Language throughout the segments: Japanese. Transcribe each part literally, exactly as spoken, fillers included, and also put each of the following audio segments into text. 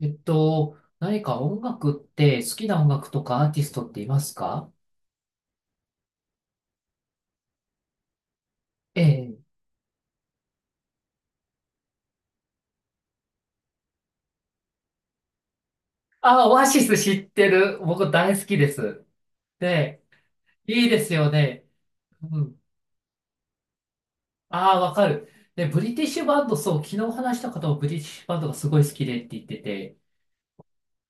えっと、何か音楽って好きな音楽とかアーティストっていますか？ええ。あ、オアシス知ってる。僕大好きです。で、いいですよね。うん。ああ、わかる。で、ブリティッシュバンド、そう、昨日話した方もブリティッシュバンドがすごい好きでって言ってて、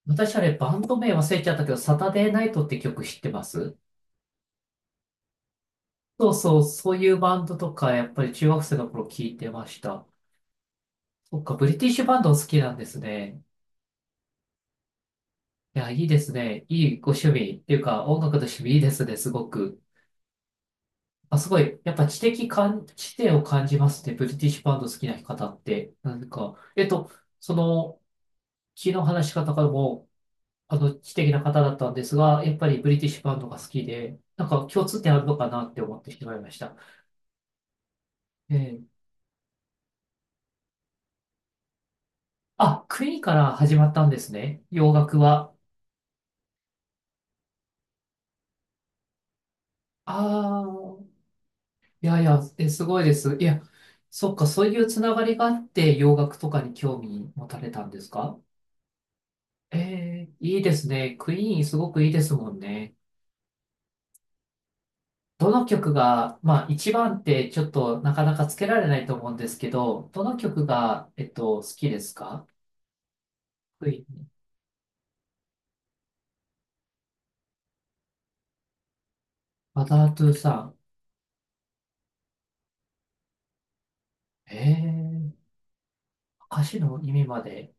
私あれバンド名忘れちゃったけど、サタデーナイトって曲知ってます？そうそう、そういうバンドとか、やっぱり中学生の頃聞いてました。そっか、ブリティッシュバンドお好きなんですね。いや、いいですね。いいご趣味っていうか、音楽の趣味いいですね、すごく。あ、すごい。やっぱ知的感、知性を感じますね。ブリティッシュバンド好きな方って。なんか、えっと、その、昨日話し方からも、あの、知的な方だったんですが、やっぱりブリティッシュバンドが好きで、なんか共通点あるのかなって思ってしまいました。えー、あ、クイーンから始まったんですね。洋楽は。ああ、いやいや、え、すごいです。いや、そっか、そういうつながりがあって洋楽とかに興味持たれたんですか？えー、いいですね。クイーンすごくいいですもんね。どの曲が、まあ一番ってちょっとなかなかつけられないと思うんですけど、どの曲が、えっと、好きですか？クイーン。バタートゥーさん。えー、歌詞の意味まで。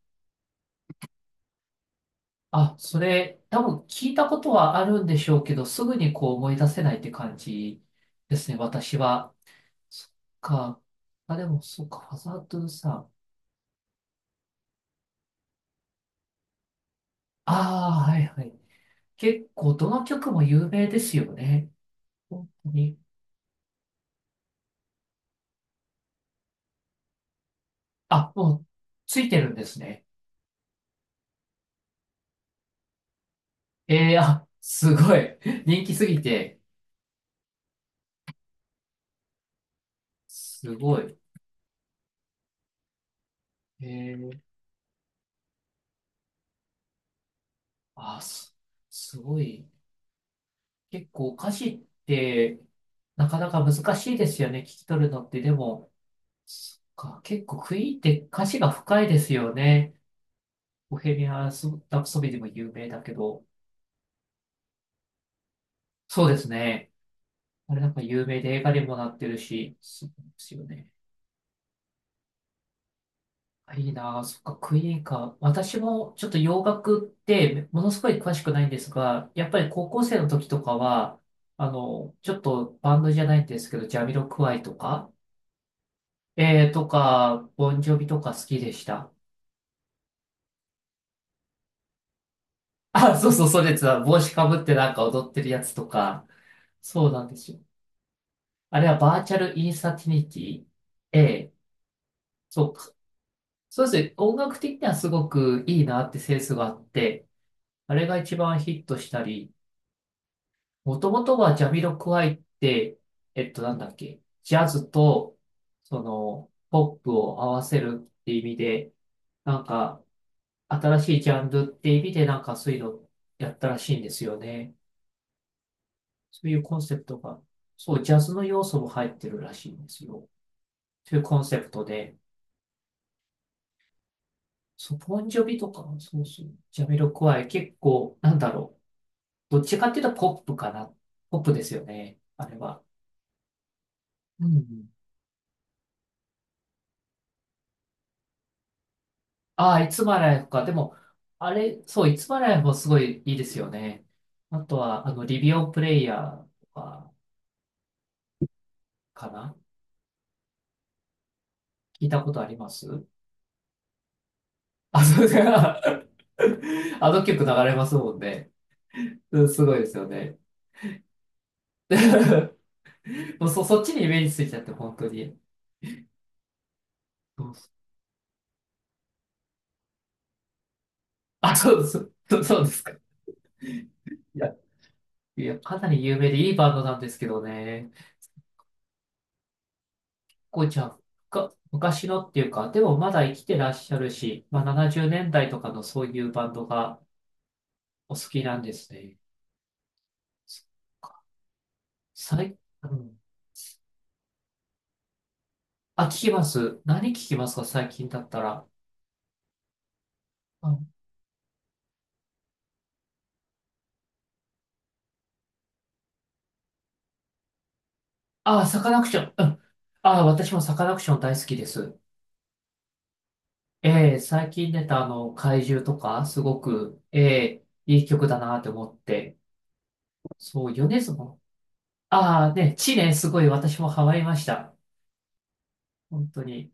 あ、それ、多分聞いたことはあるんでしょうけど、すぐにこう思い出せないって感じですね、私は。そっか。あ、でも、そっか、ハザードさ。ああ、はいはい。結構、どの曲も有名ですよね。本当に。あ、もう、ついてるんですね。ええー、あ、すごい。人気すぎて、すごい。ええー、あ、す、すごい。結構、歌詞って、なかなか難しいですよね。聞き取るのって。でも、そっか、結構、クイーンって歌詞が深いですよね。ボヘミアン・ラプソディでも有名だけど。そうですね。あれなんか有名で映画にもなってるし、そうですよね。あいいなあ、そっか、クイーンか。私もちょっと洋楽ってものすごい詳しくないんですが、やっぱり高校生の時とかは、あの、ちょっとバンドじゃないんですけど、ジャミロクワイとか、えー、とか、ボンジョビとか好きでした。あ、そうそう、そうです。帽子かぶってなんか踊ってるやつとか、そうなんですよ。あれはバーチャルインサティニティ。ええ。そう、そうですね。音楽的にはすごくいいなってセンスがあって、あれが一番ヒットしたり、もともとはジャミロクワイって、えっと、なんだっけ、ジャズと、その、ポップを合わせるって意味で、なんか、新しいジャンルって意味で、なんかそういうのやったらしいんですよね。そういうコンセプトが、そう、ジャズの要素も入ってるらしいんですよ。というコンセプトで、そう、ボンジョビとか、そうそう、ジャミロクワイ結構、なんだろう。どっちかっていうとポップかな。ポップですよね。あれは。うん。ああ、いつまライフか。でも、あれ、そう、いつまライフもすごいいいですよね。あとは、あの、リビオプレイヤーとか、かな、聞いたことあります？あ、そうですか。あの曲流れますもんね。うん、すごいですよね。もうそ、そっちにイメージついちゃって、本当に。そうそう、あ、そう、そう、そうですか。いや、いや、かなり有名でいいバンドなんですけどね。構じゃあ、が昔のっていうか、でもまだ生きてらっしゃるし、まあ、ななじゅうねんだいとかのそういうバンドがお好きなんですね。さい、うん。あ、聞きます。何聞きますか、最近だったら。うん、あ、サカナクション。うん。あ、私もサカナクション大好きです。ええ、最近出たあの、怪獣とか、すごく、ええ、いい曲だなって思って。そう、米津も。ああ、ね、地ね、すごい私もハマりました。本当に。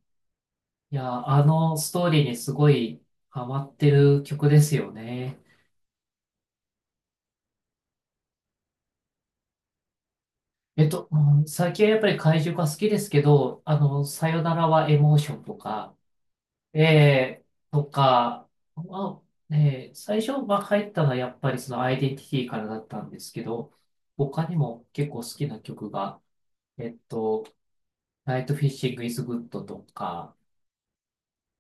いや、あのストーリーにすごいハマってる曲ですよね。えっと、うん、最近はやっぱり怪獣が好きですけど、あの、さよならはエモーションとか、えー、とか、まあ、えー最初、まあ、入ったのはやっぱりそのアイデンティティからだったんですけど、他にも結構好きな曲が、えっと、ナイトフィッシングイズグッドとか、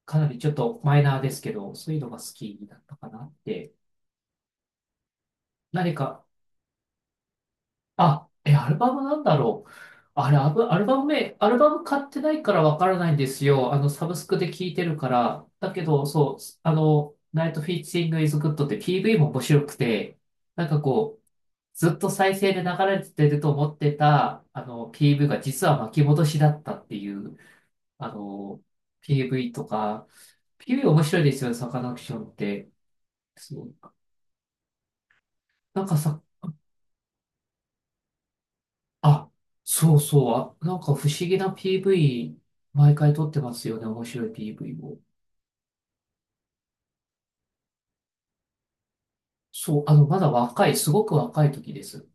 かなりちょっとマイナーですけど、そういうのが好きだったかなって。何か、あ、え、アルバムなんだろう。あれ、アブアルバム名、アルバム買ってないからわからないんですよ。あの、サブスクで聴いてるから。だけど、そう、あの、ナイトフィーチングイズグッドって ピーブイ も面白くて、なんかこう、ずっと再生で流れてると思ってた、あの、ピーブイ が実は巻き戻しだったっていう、あの、ピーブイ とか、ピーブイ 面白いですよね、サカナクションって。そう。なんかさ、あ、そうそう。あ、なんか不思議な ピーブイ、毎回撮ってますよね。面白い ピーブイ を。そう、あの、まだ若い、すごく若い時です。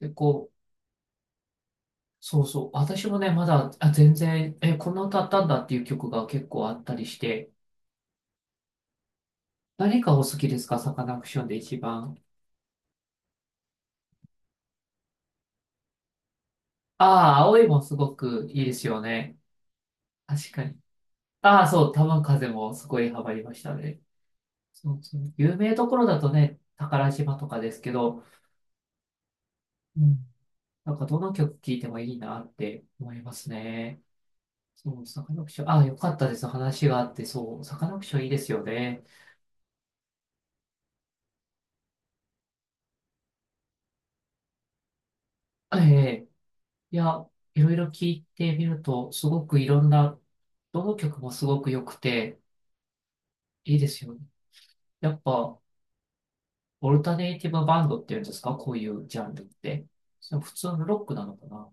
で、こう、そうそう。私もね、まだ、あ、全然、え、こんな歌あったんだっていう曲が結構あったりして、何がお好きですか、サカナクションで一番。ああ、青いもすごくいいですよね。確かに。ああ、そう、玉風もすごいハマりましたね。そうそう。有名どころだとね、宝島とかですけど、うん、なんかどの曲聴いてもいいなって思いますね。そう、サカナクション。あ、よかったです。話があって、そう、サカナクションいいですよね。ええ、いや、いろいろ聞いてみると、すごくいろんな、どの曲もすごく良くて、いいですよね。やっぱ、オルタネイティブバンドっていうんですか、こういうジャンルって。その普通のロックなのかな。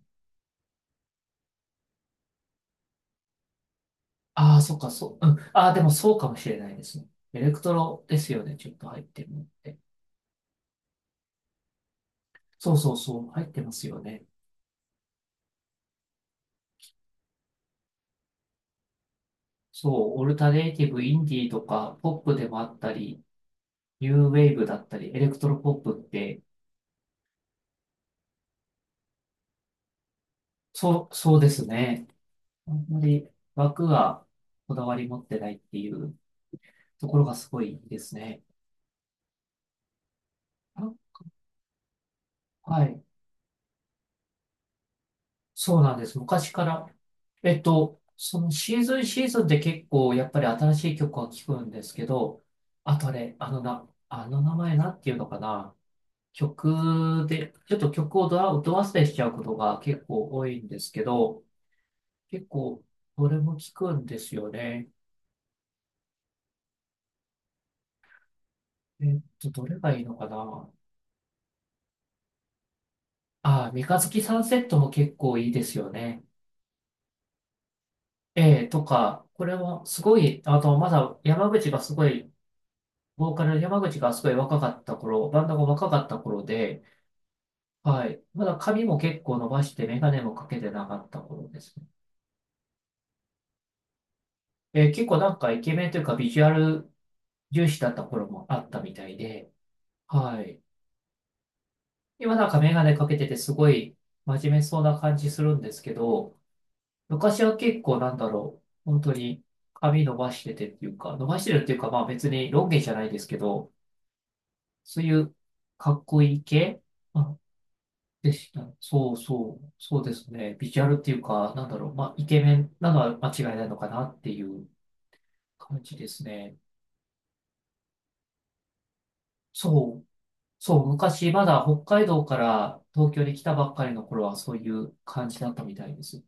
ああ、そっか、そう、うん。ああ、でもそうかもしれないですね。エレクトロですよね。ちょっと入ってるのって。そうそうそう、入ってますよね。そう、オルタネイティブ、インディーとか、ポップでもあったり、ニューウェーブだったり、エレクトロポップって、そう、そうですね。あんまり枠がこだわり持ってないっていうところがすごいですね。あ、はい。そうなんです。昔から。えっと、そのシーズンシーズンで結構やっぱり新しい曲は聴くんですけど、あとあれ、あのな、あの名前なんていうのかな。曲で、ちょっと曲をドア、ド忘れしちゃうことが結構多いんですけど、結構どれも聞くんですよね。えっと、どれがいいのかな。ああ、三日月サンセットも結構いいですよね。ええ、とか、これはすごい。あと、まだ山口がすごい、ボーカルの山口がすごい若かった頃、バンドが若かった頃で、はい。まだ髪も結構伸ばして、メガネもかけてなかった頃ですね。えー結構なんかイケメンというかビジュアル重視だった頃もあったみたいで、はい。今なんかメガネかけててすごい真面目そうな感じするんですけど、昔は結構なんだろう、本当に髪伸ばしててっていうか、伸ばしてるっていうかまあ別にロン毛じゃないですけど、そういうかっこいい系あでした。そうそう、そうですね。ビジュアルっていうか、なんだろう、まあイケメンなのは間違いないのかなっていう感じですね。そう。そう、昔まだ北海道から東京に来たばっかりの頃はそういう感じだったみたいです。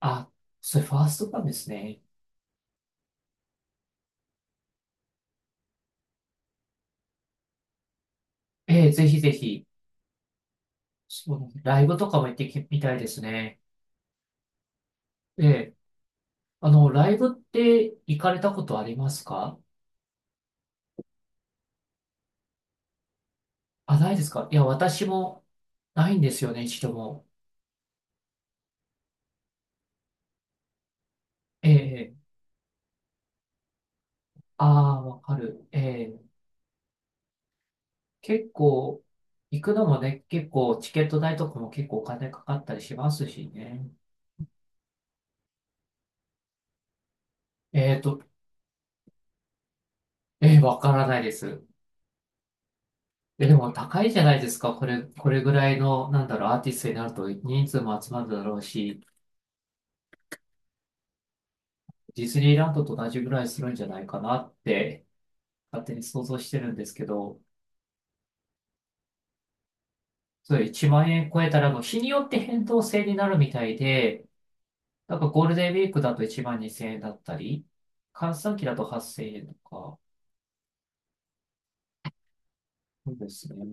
あ、それファーストなんですね。ええ、ぜひぜひ、そのライブとかも行ってきみたいですね。ええ、あの、ライブって行かれたことありますか？あ、ないですか。いや、私もないんですよね、一度も。ええ、ああー、わかる。ええ、結構、行くのもね、結構チケット代とかも結構お金かかったりしますしね。えっと、えー、わからないです。え、でも高いじゃないですか。これ、これぐらいの、なんだろう、アーティストになると人数も集まるだろうし、ディズニーランドと同じぐらいするんじゃないかなって、勝手に想像してるんですけど、それいちまん円超えたら、もう日によって変動制になるみたいで、なんかゴールデンウィークだといちまんにせん円だったり、閑散期だとはっせん円とか、そうですね。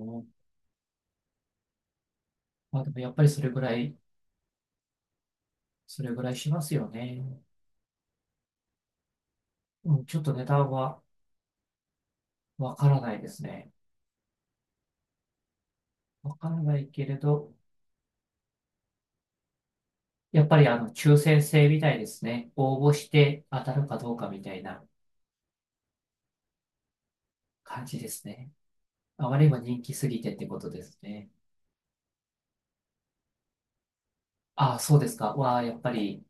まあでもやっぱりそれぐらい、それぐらいしますよね。うん、ちょっと値段はわからないですね。わからないけれど、やっぱりあの、抽選制みたいですね。応募して当たるかどうかみたいな感じですね。あまりにも人気すぎてってことですね。ああ、そうですか。わあ、やっぱり、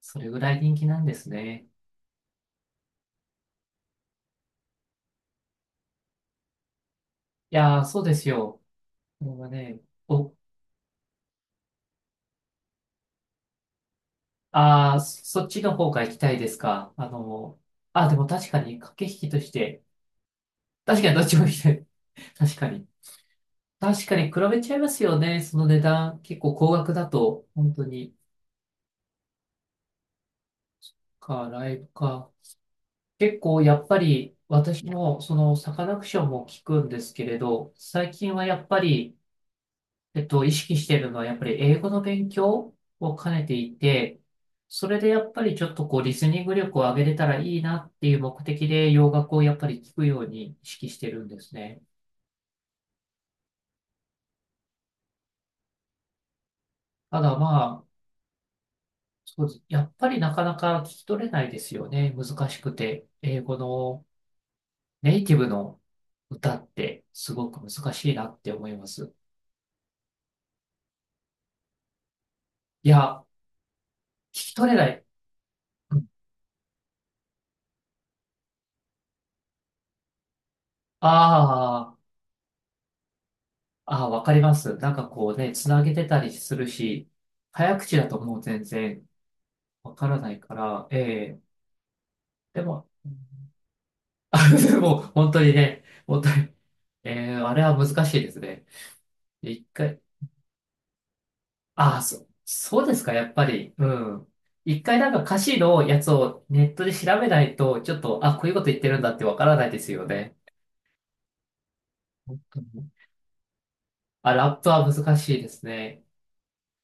それぐらい人気なんですね。いやー、そうですよ。これはね、お、ああ、そそっちの方が行きたいですか。あの、あ、でも確かに駆け引きとして、確かにどっちも行きたい。確かに。確かに比べちゃいますよね。その値段、結構高額だと、本当に。か、ライブか。結構やっぱり私もそのサカナクションも聞くんですけれど、最近はやっぱり、えっと、意識しているのはやっぱり英語の勉強を兼ねていて、それでやっぱりちょっとこうリスニング力を上げれたらいいなっていう目的で洋楽をやっぱり聞くように意識してるんですね。ただまあ、そうです。やっぱりなかなか聞き取れないですよね。難しくて。英語のネイティブの歌ってすごく難しいなって思います。いや、聞き取れない。ああ、ああ、わかります。なんかこうね、つなげてたりするし、早口だともう全然わからないから、ええでも、あ、でも本当にね、本当に、ええあれは難しいですね。一回、ああ、そ、そうですか、やっぱり。うん。一回なんか歌詞のやつをネットで調べないと、ちょっと、あ、こういうこと言ってるんだってわからないですよね。うんあ、ラップは難しいですね。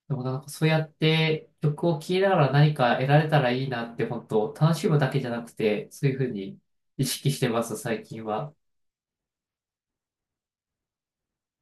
でもなんかそうやって曲を聴きながら何か得られたらいいなって本当楽しむだけじゃなくてそういうふうに意識してます最近は。